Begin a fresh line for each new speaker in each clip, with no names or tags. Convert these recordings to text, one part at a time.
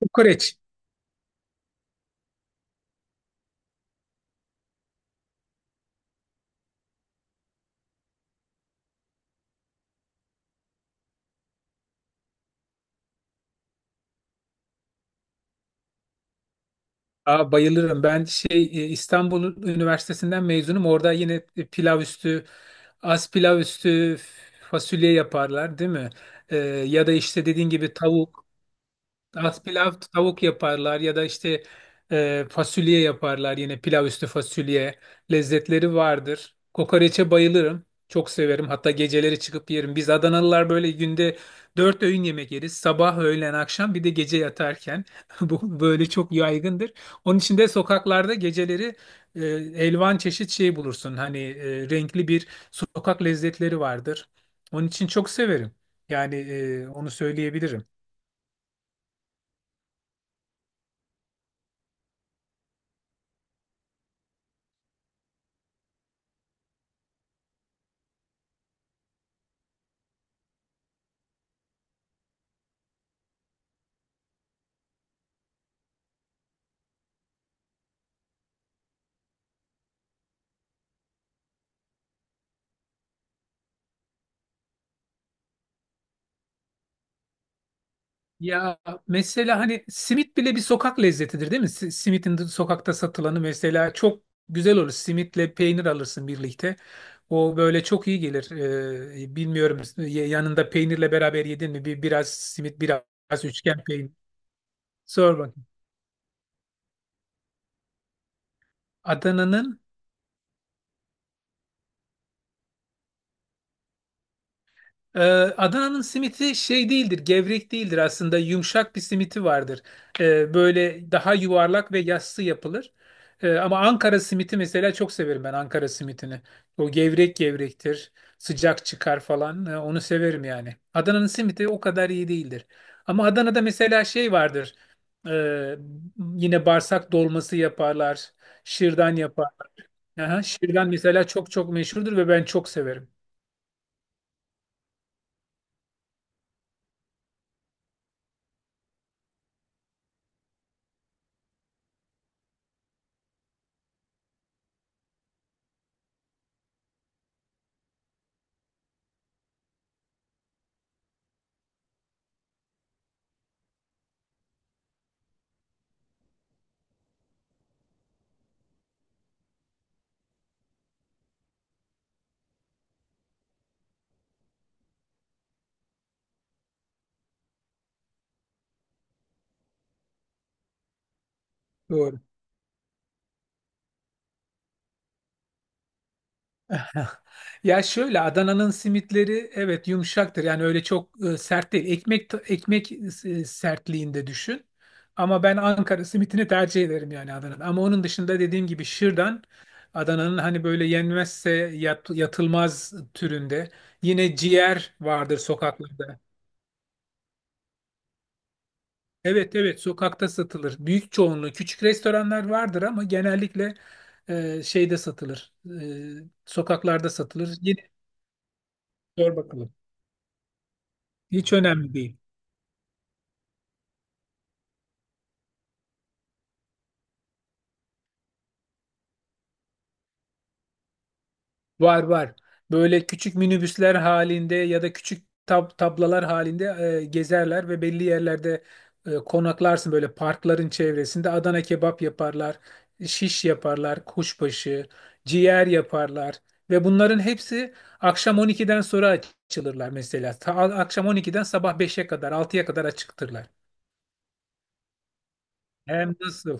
Kokoreç. Aa, bayılırım. İstanbul Üniversitesi'nden mezunum. Orada yine pilav üstü, az pilav üstü fasulye yaparlar, değil mi? Ya da işte dediğin gibi tavuk. Az pilav tavuk yaparlar ya da fasulye yaparlar. Yine pilav üstü fasulye lezzetleri vardır. Kokoreçe bayılırım. Çok severim. Hatta geceleri çıkıp yerim. Biz Adanalılar böyle günde dört öğün yemek yeriz. Sabah, öğlen, akşam bir de gece yatarken. Bu böyle çok yaygındır. Onun için de sokaklarda geceleri e, elvan çeşit şey bulursun. Renkli bir sokak lezzetleri vardır. Onun için çok severim. Yani onu söyleyebilirim. Ya mesela hani simit bile bir sokak lezzetidir, değil mi? Simitin de sokakta satılanı mesela çok güzel olur. Simitle peynir alırsın birlikte. O böyle çok iyi gelir. Bilmiyorum yanında peynirle beraber yedin mi? Bir, biraz simit, biraz üçgen peynir. Sor bakayım. Adana'nın. Ee, Adana'nın simiti şey değildir, gevrek değildir aslında. Yumuşak bir simiti vardır. Böyle daha yuvarlak ve yassı yapılır. Ama Ankara simiti mesela çok severim ben Ankara simitini. O gevrek gevrektir, sıcak çıkar falan. Onu severim yani. Adana'nın simiti o kadar iyi değildir. Ama Adana'da mesela şey vardır. Ee, Yine bağırsak dolması yaparlar, şırdan yaparlar. Aha, şırdan mesela çok çok meşhurdur ve ben çok severim. Doğru. Ya şöyle, Adana'nın simitleri evet yumuşaktır. Yani öyle çok sert değil. Ekmek sertliğinde düşün. Ama ben Ankara simitini tercih ederim yani Adana'da. Ama onun dışında dediğim gibi şırdan Adana'nın hani böyle yenmezse yatılmaz türünde. Yine ciğer vardır sokaklarda. Evet, evet, sokakta satılır. Büyük çoğunluğu küçük restoranlar vardır ama genellikle şeyde satılır. Sokaklarda satılır. Yine zor bakılır. Hiç önemli değil. Var, var. Böyle küçük minibüsler halinde ya da küçük tablalar halinde gezerler ve belli yerlerde konaklarsın böyle parkların çevresinde. Adana kebap yaparlar, şiş yaparlar, kuşbaşı, ciğer yaparlar ve bunların hepsi akşam 12'den sonra açılırlar mesela. Akşam 12'den sabah 5'e kadar, 6'ya kadar açıktırlar. Hem nasıl?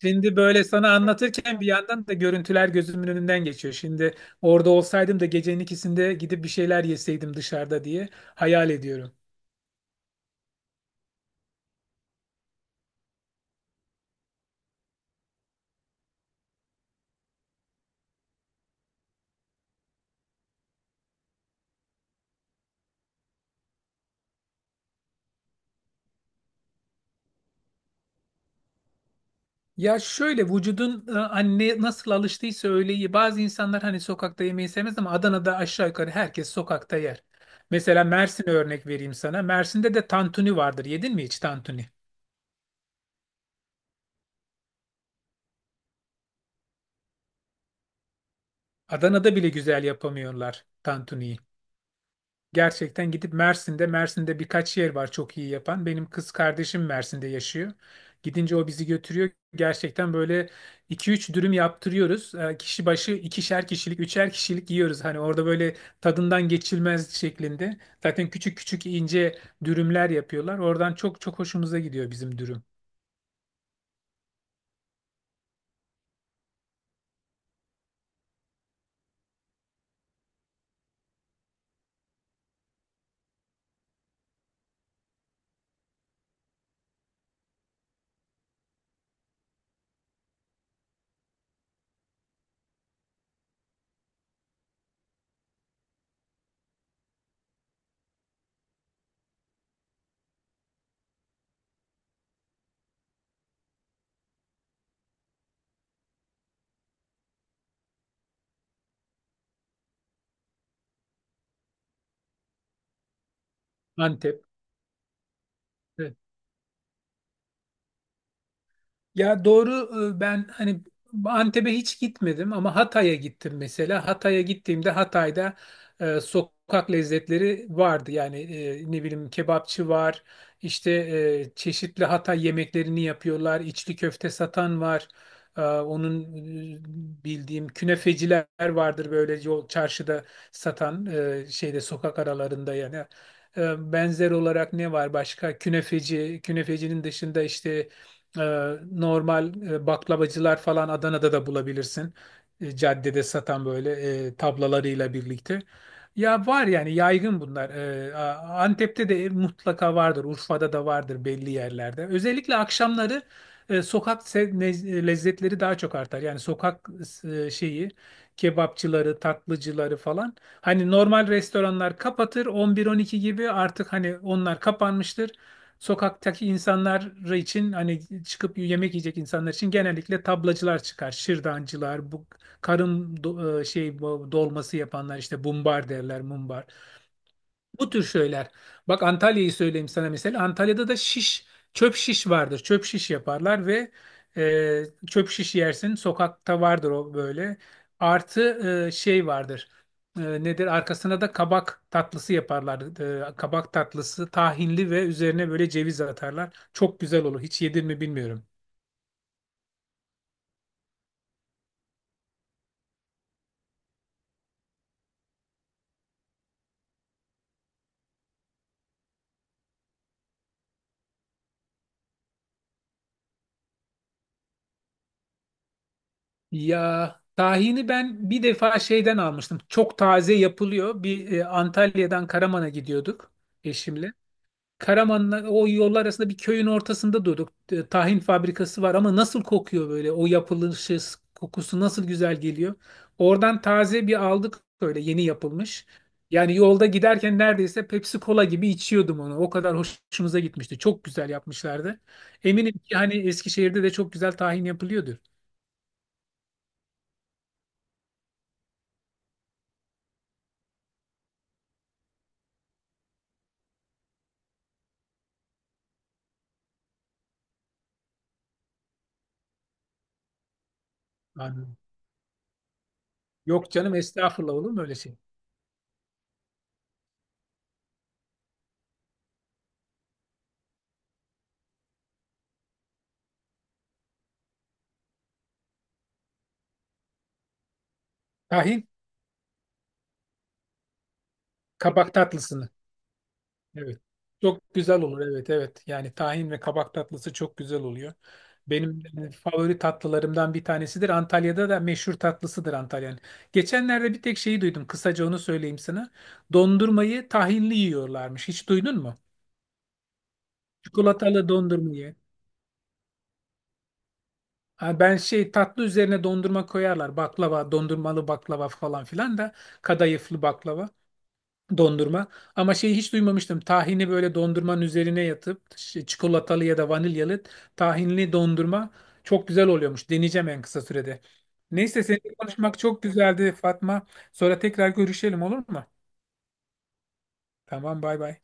Şimdi böyle sana anlatırken bir yandan da görüntüler gözümün önünden geçiyor. Şimdi orada olsaydım da gecenin ikisinde gidip bir şeyler yeseydim dışarıda diye hayal ediyorum. Ya şöyle, anne nasıl alıştıysa öyle iyi. Bazı insanlar hani sokakta yemeği sevmez ama Adana'da aşağı yukarı herkes sokakta yer. Mesela Mersin'e örnek vereyim sana. Mersin'de de tantuni vardır. Yedin mi hiç tantuni? Adana'da bile güzel yapamıyorlar tantuniyi. Gerçekten gidip Mersin'de birkaç yer var çok iyi yapan. Benim kız kardeşim Mersin'de yaşıyor. Gidince o bizi götürüyor. Gerçekten böyle iki üç dürüm yaptırıyoruz. Kişi başı ikişer kişilik, üçer kişilik yiyoruz. Hani orada böyle tadından geçilmez şeklinde. Zaten küçük küçük ince dürümler yapıyorlar. Oradan çok çok hoşumuza gidiyor bizim dürüm. Antep. e, Ya doğru. Ben hani Antep'e hiç gitmedim ama Hatay'a gittim mesela. Hatay'a gittiğimde Hatay'da sokak lezzetleri vardı. Yani ne bileyim kebapçı var, işte çeşitli Hatay yemeklerini yapıyorlar, içli köfte satan var. Onun bildiğim künefeciler vardır böyle yol çarşıda satan şeyde sokak aralarında yani. Benzer olarak ne var başka? Künefeci, künefecinin dışında işte normal baklavacılar falan Adana'da da bulabilirsin. Caddede satan böyle tablalarıyla birlikte. Ya var yani, yaygın bunlar. Antep'te de mutlaka vardır. Urfa'da da vardır belli yerlerde. Özellikle akşamları sokak lezzetleri daha çok artar. Yani sokak e, şeyi kebapçıları, tatlıcıları falan. Hani normal restoranlar kapatır 11-12 gibi, artık hani onlar kapanmıştır. Sokaktaki insanlar için, hani çıkıp yemek yiyecek insanlar için, genellikle tablacılar çıkar. Şırdancılar, bu karın do- e, şey bu dolması yapanlar işte, bumbar derler, mumbar. Bu tür şeyler. Bak, Antalya'yı söyleyeyim sana mesela. Antalya'da da şiş, çöp şiş vardır. Çöp şiş yaparlar ve çöp şiş yersin. Sokakta vardır o böyle. Artı şey vardır. Nedir? Arkasına da kabak tatlısı yaparlar. Kabak tatlısı tahinli ve üzerine böyle ceviz atarlar. Çok güzel olur. Hiç yedin mi bilmiyorum. Ya tahini ben bir defa şeyden almıştım. Çok taze yapılıyor. Antalya'dan Karaman'a gidiyorduk eşimle. Karaman'la o yollar arasında bir köyün ortasında durduk. Tahin fabrikası var ama nasıl kokuyor, böyle o yapılışı kokusu nasıl güzel geliyor. Oradan taze bir aldık, böyle yeni yapılmış. Yani yolda giderken neredeyse Pepsi Cola gibi içiyordum onu. O kadar hoşumuza gitmişti. Çok güzel yapmışlardı. Eminim ki hani Eskişehir'de de çok güzel tahin yapılıyordur. Yani yok canım, estağfurullah, olur mu öyle şey? Tahin kabak tatlısını. Evet. Çok güzel olur. Evet, evet. Yani tahin ve kabak tatlısı çok güzel oluyor. Benim favori tatlılarımdan bir tanesidir. Antalya'da da meşhur tatlısıdır Antalya'nın. Geçenlerde bir tek şeyi duydum. Kısaca onu söyleyeyim sana. Dondurmayı tahinli yiyorlarmış. Hiç duydun mu? Çikolatalı dondurmayı. Ha, ben şey, tatlı üzerine dondurma koyarlar. Baklava, dondurmalı baklava falan filan da, kadayıflı baklava. Dondurma. Ama şeyi hiç duymamıştım. Tahini böyle dondurmanın üzerine yatıp çikolatalı ya da vanilyalı tahinli dondurma çok güzel oluyormuş. Deneyeceğim en kısa sürede. Neyse, seninle konuşmak çok güzeldi Fatma. Sonra tekrar görüşelim, olur mu? Tamam, bay bay.